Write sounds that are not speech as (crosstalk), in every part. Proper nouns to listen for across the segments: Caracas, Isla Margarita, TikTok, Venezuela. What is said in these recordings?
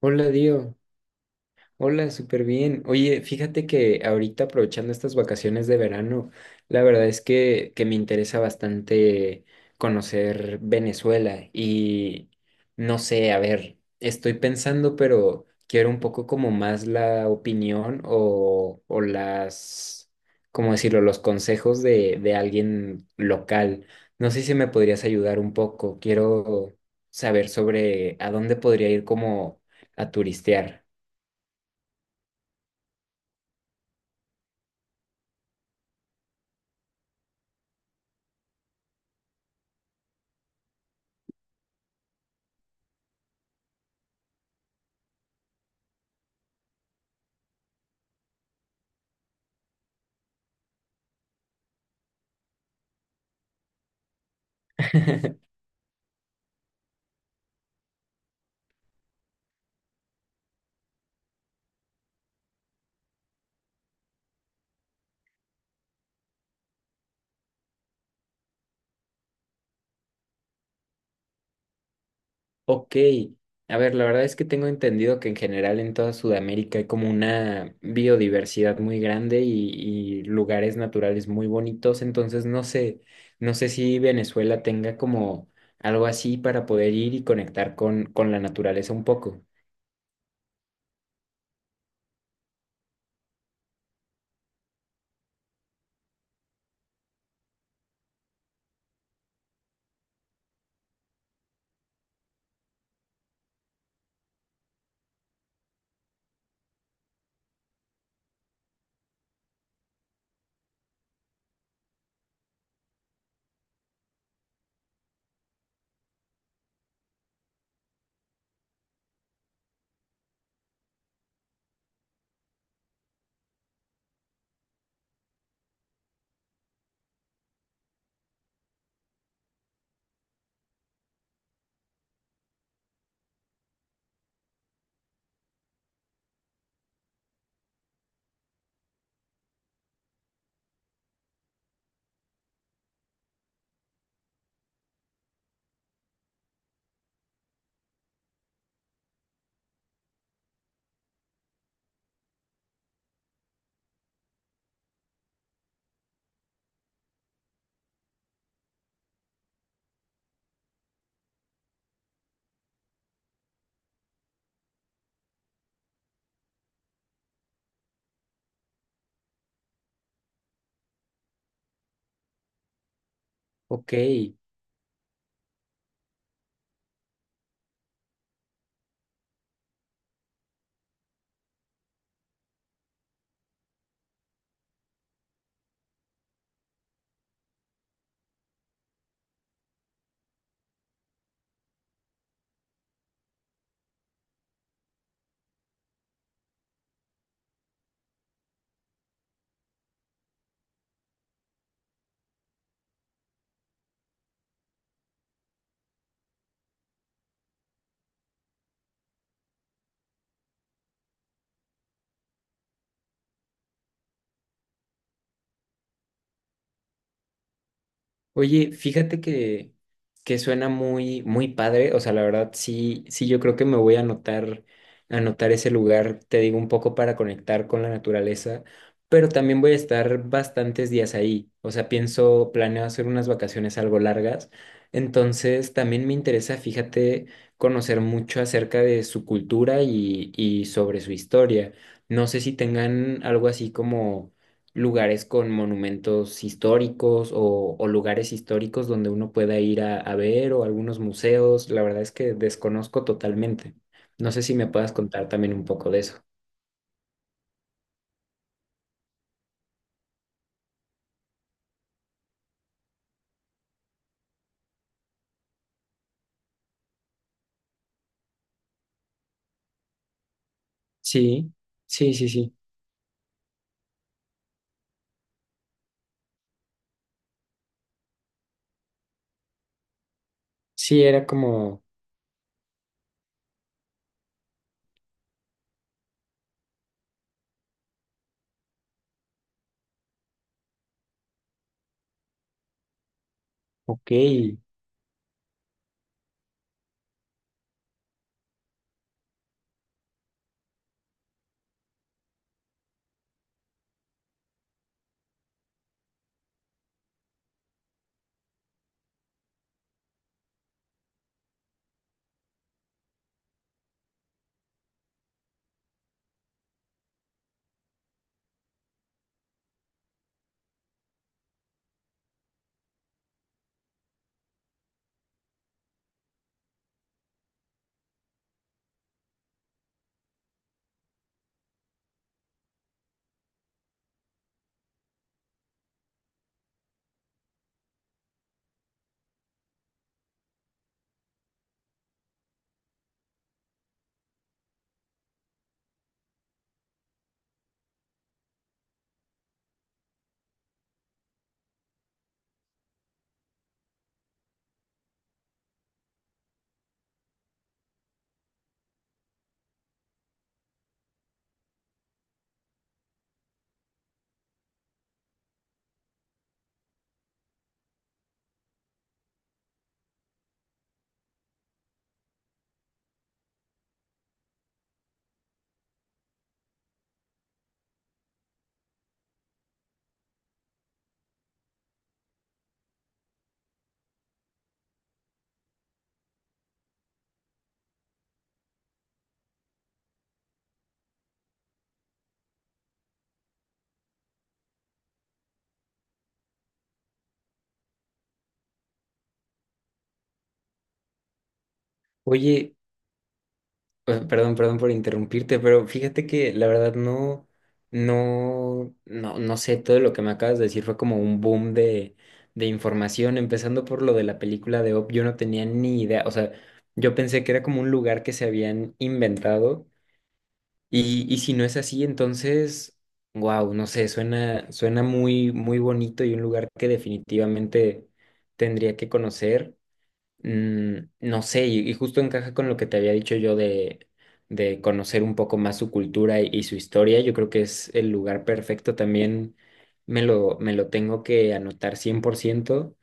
Hola, Dios. Hola, súper bien. Oye, fíjate que ahorita aprovechando estas vacaciones de verano, la verdad es que me interesa bastante conocer Venezuela y no sé, a ver, estoy pensando, pero quiero un poco como más la opinión o las, ¿cómo decirlo?, los consejos de alguien local. No sé si me podrías ayudar un poco. Quiero saber sobre a dónde podría ir como a turistear. (laughs) Ok, a ver, la verdad es que tengo entendido que en general en toda Sudamérica hay como una biodiversidad muy grande y lugares naturales muy bonitos, entonces no sé, no sé si Venezuela tenga como algo así para poder ir y conectar con la naturaleza un poco. Ok, oye, fíjate que, suena muy, muy padre. O sea, la verdad, sí, sí, yo creo que me voy a anotar ese lugar, te digo, un poco para conectar con la naturaleza, pero también voy a estar bastantes días ahí. O sea, pienso, planeo hacer unas vacaciones algo largas. Entonces, también me interesa, fíjate, conocer mucho acerca de su cultura y sobre su historia. No sé si tengan algo así como lugares con monumentos históricos o lugares históricos donde uno pueda ir a ver o algunos museos. La verdad es que desconozco totalmente. No sé si me puedas contar también un poco de eso. Sí, sí, sí, sí. Sí, era como, ok, oye, pues, perdón, perdón por interrumpirte, pero fíjate que la verdad no, no, no, no sé, todo lo que me acabas de decir fue como un boom de información, empezando por lo de la película de Op, yo no tenía ni idea, o sea, yo pensé que era como un lugar que se habían inventado y si no es así, entonces, wow, no sé, suena muy, muy bonito y un lugar que definitivamente tendría que conocer. No sé, y justo encaja con lo que te había dicho yo de conocer un poco más su cultura y su historia. Yo creo que es el lugar perfecto también. Me lo tengo que anotar 100%.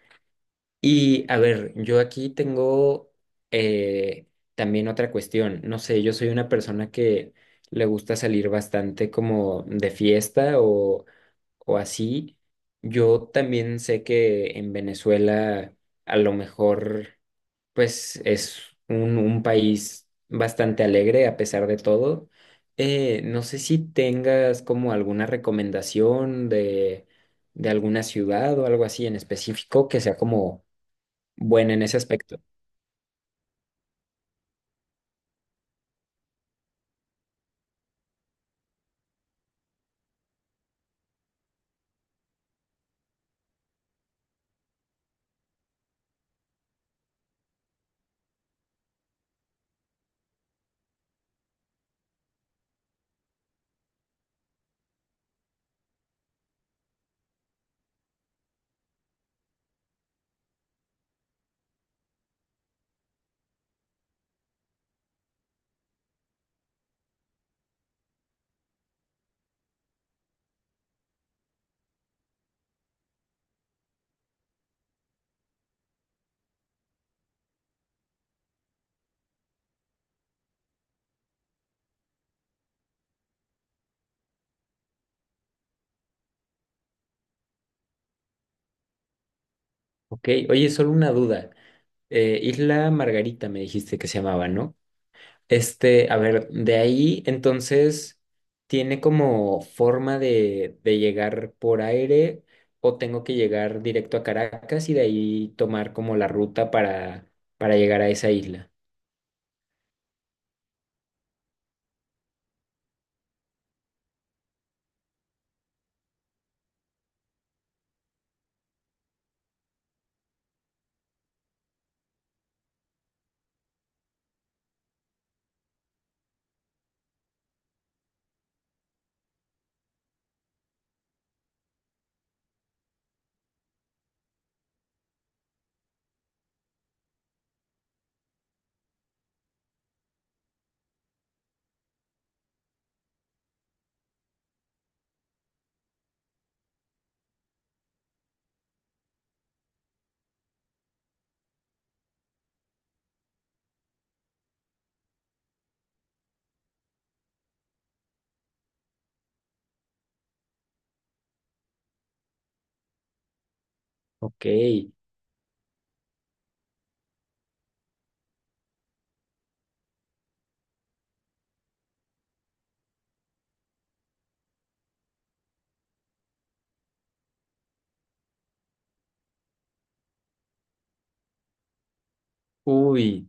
Y a ver, yo aquí tengo eh, también otra cuestión. No sé, yo soy una persona que le gusta salir bastante como de fiesta o así. Yo también sé que en Venezuela a lo mejor pues es un país bastante alegre a pesar de todo. No sé si tengas como alguna recomendación de alguna ciudad o algo así en específico que sea como buena en ese aspecto. Ok, oye, solo una duda. Isla Margarita me dijiste que se llamaba, ¿no? Este, a ver, de ahí entonces tiene como forma de llegar por aire o tengo que llegar directo a Caracas y de ahí tomar como la ruta para llegar a esa isla. Ok. Uy,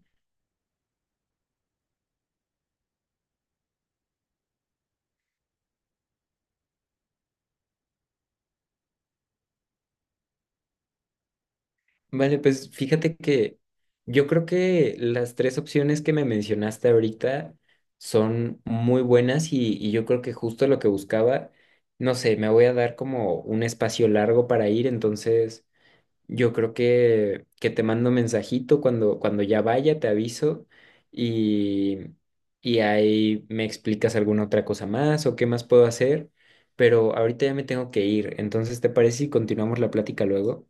vale, pues fíjate que yo creo que las tres opciones que me mencionaste ahorita son muy buenas y yo creo que justo lo que buscaba, no sé, me voy a dar como un espacio largo para ir, entonces... Yo creo que, te mando mensajito cuando ya vaya, te aviso y, y ahí me explicas alguna otra cosa más o qué más puedo hacer, pero ahorita ya me tengo que ir, entonces ¿te parece si continuamos la plática luego?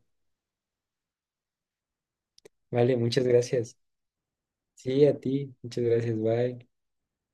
Vale, muchas gracias. Sí, a ti, muchas gracias, bye.